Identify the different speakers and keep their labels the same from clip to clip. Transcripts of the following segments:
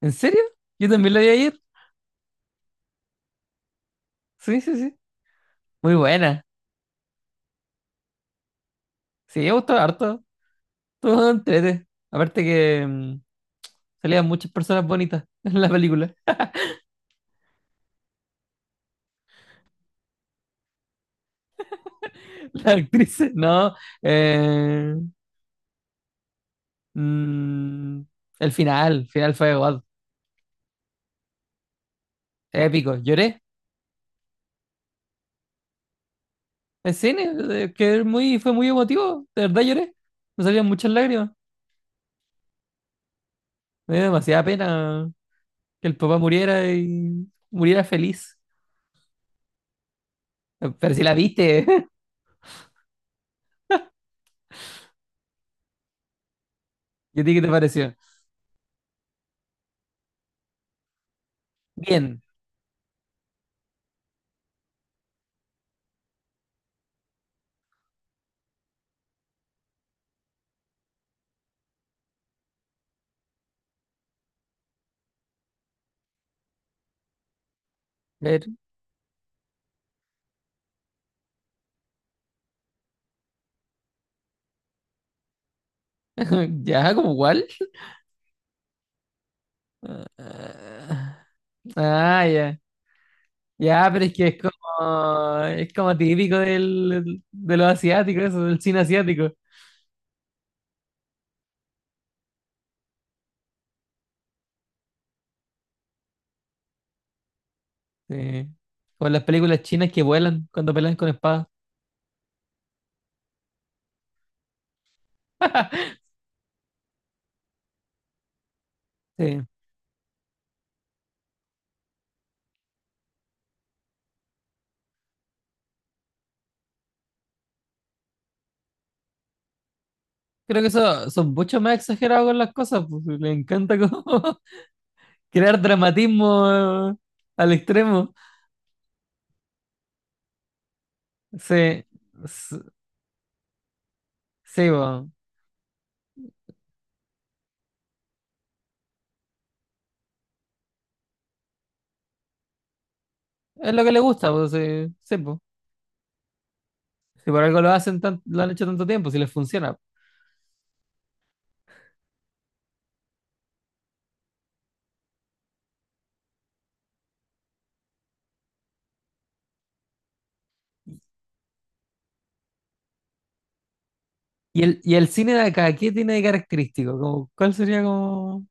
Speaker 1: ¿En serio? Yo también la vi ayer. Sí, sí, sí. Muy buena. Sí, me gustó harto. Todo entrete. Aparte que salían muchas personas bonitas en la película. Las actrices, no. Eh, mm, el final fue igual. Épico. Lloré. En cine, que es muy, fue muy emotivo. De verdad lloré. Me salían muchas lágrimas. Me dio demasiada pena que el papá muriera y muriera feliz. Pero si la viste, ¿y a ti qué te pareció? Bien. Ya, como igual. Ah, ah, ya. Ya, pero es que es como típico de los asiáticos, eso, del cine asiático. Sí. Con las películas chinas que vuelan cuando pelean con espadas. Sí. Creo que eso son mucho más exagerados con las cosas. Pues, le encanta como crear dramatismo al extremo. Sí, sí, sí, po. Es lo que le gusta, pues, sí, sí, po. Si por algo lo hacen lo han hecho tanto tiempo, si les funciona. ¿Y el cine de acá, ¿qué tiene de característico? Como, ¿cuál sería como...?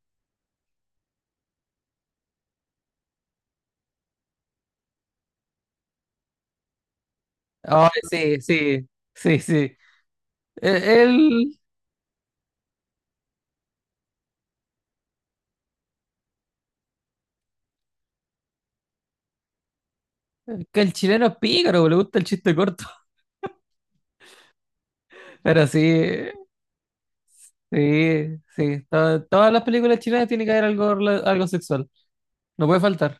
Speaker 1: Ah, sí, sí, sí, sí. E- El, que el chileno es pícaro, bo, le gusta el chiste corto. Pero sí, sí, sí. Todas las películas chilenas tienen que haber algo, algo sexual. No puede faltar.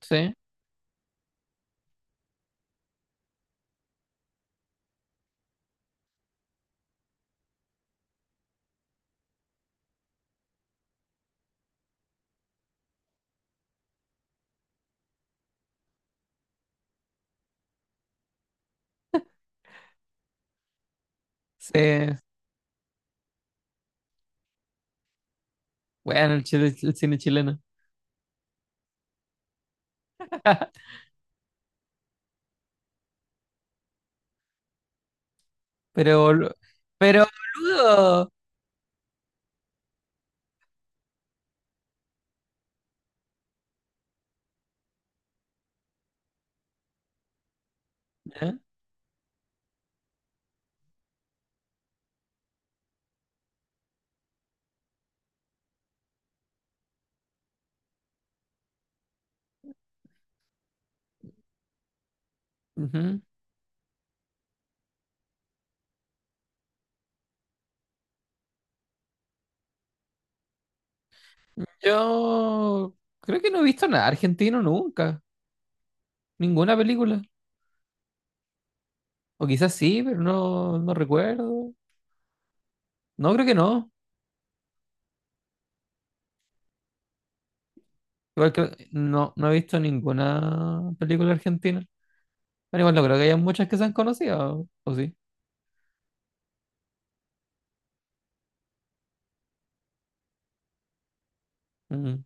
Speaker 1: Sí, sí. Bueno, el cine chileno. Pero, pero, boludo. ¿Eh? Ujú. Yo creo que no he visto nada argentino nunca. Ninguna película. O quizás sí, pero no, no recuerdo. No, creo que no. Igual que no, no he visto ninguna película argentina. Pero igual no creo que haya muchas que sean conocidas, o sí. Mm.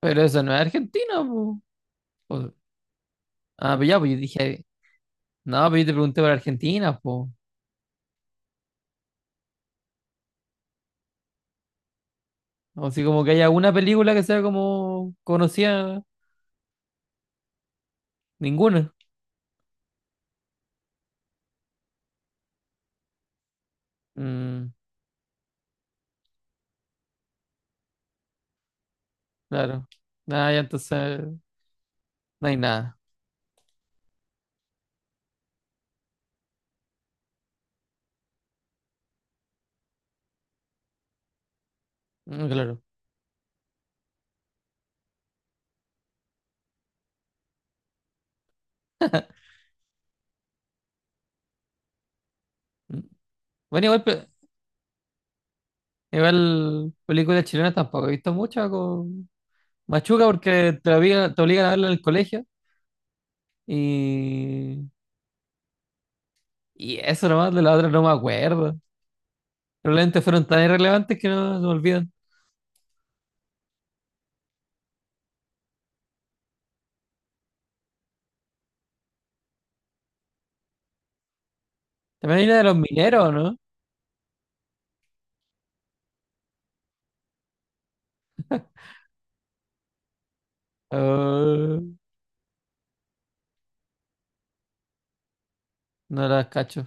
Speaker 1: Pero eso no es Argentina, po. O- ah, pues ya, pues yo dije, no, pero yo te pregunté por Argentina, po. O si como que haya una película que sea como conocida, ninguna. Mm, claro. Nada, ya entonces no hay nada. Mm, claro. Mm. Bueno, igual, igual películas chilenas tampoco he visto muchas. Machuca porque te obligan a verlo en el colegio y, y eso nomás. De la otra no me acuerdo. Probablemente fueron tan irrelevantes que no se me olvidan. También hay una de los mineros, ¿no? Ah, no las cacho.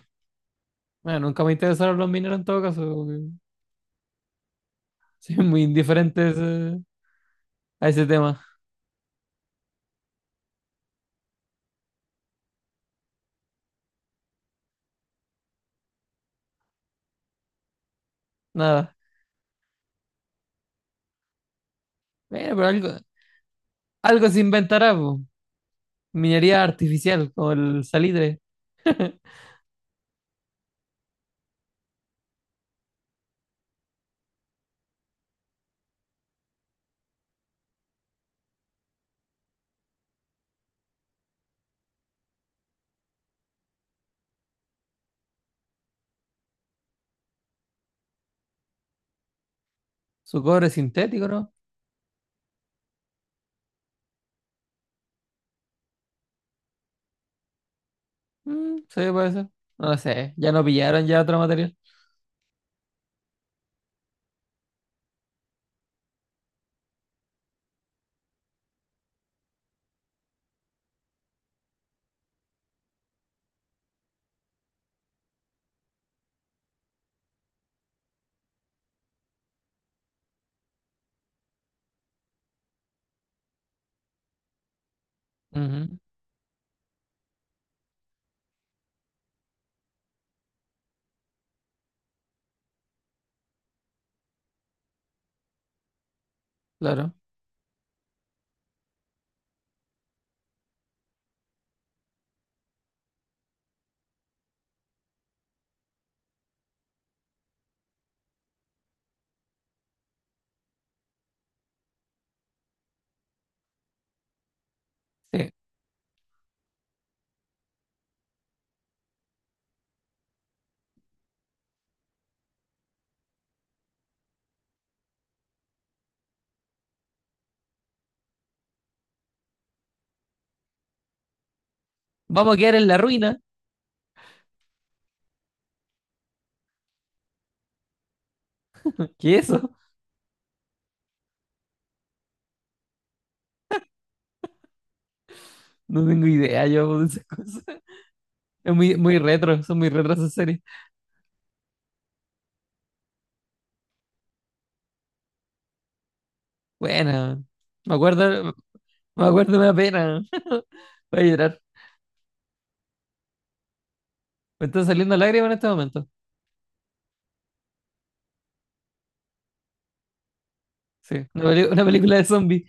Speaker 1: Bueno, nunca me interesaron los mineros en todo caso. Como que soy muy indiferente a ese tema. Nada. Bueno, pero algo, algo se inventará, po. Minería artificial, como el salitre. Su cobre sintético, ¿no? Mm, sí, puede ser. No lo sé. Ya no pillaron ya otro material. Ujú, claro. Sí. Vamos a quedar en la ruina. ¿Qué es eso? No tengo idea yo de esas cosas. Es muy, muy retro, son muy retro esas series. Bueno, me acuerdo, me acuerdo, me da pena. Voy a llorar. Me están saliendo lágrimas en este momento. Sí, una, una película de zombies.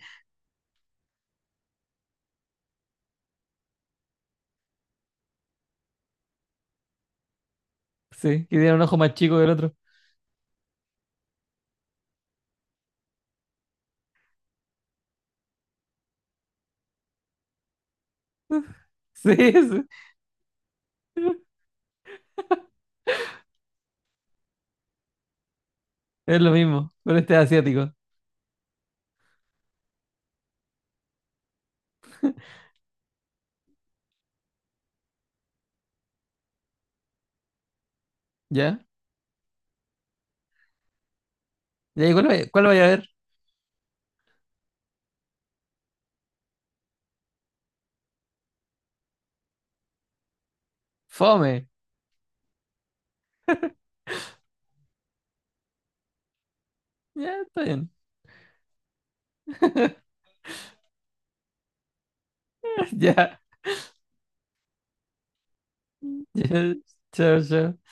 Speaker 1: Sí, que tiene un ojo más chico que el otro. Sí, sí, es lo mismo, pero este es asiático. ¿Ya? ¿Ya? ¿Y cuál, cuál voy a ver? Fome. Ya, está bien. Ya. Ya. Chao, chao.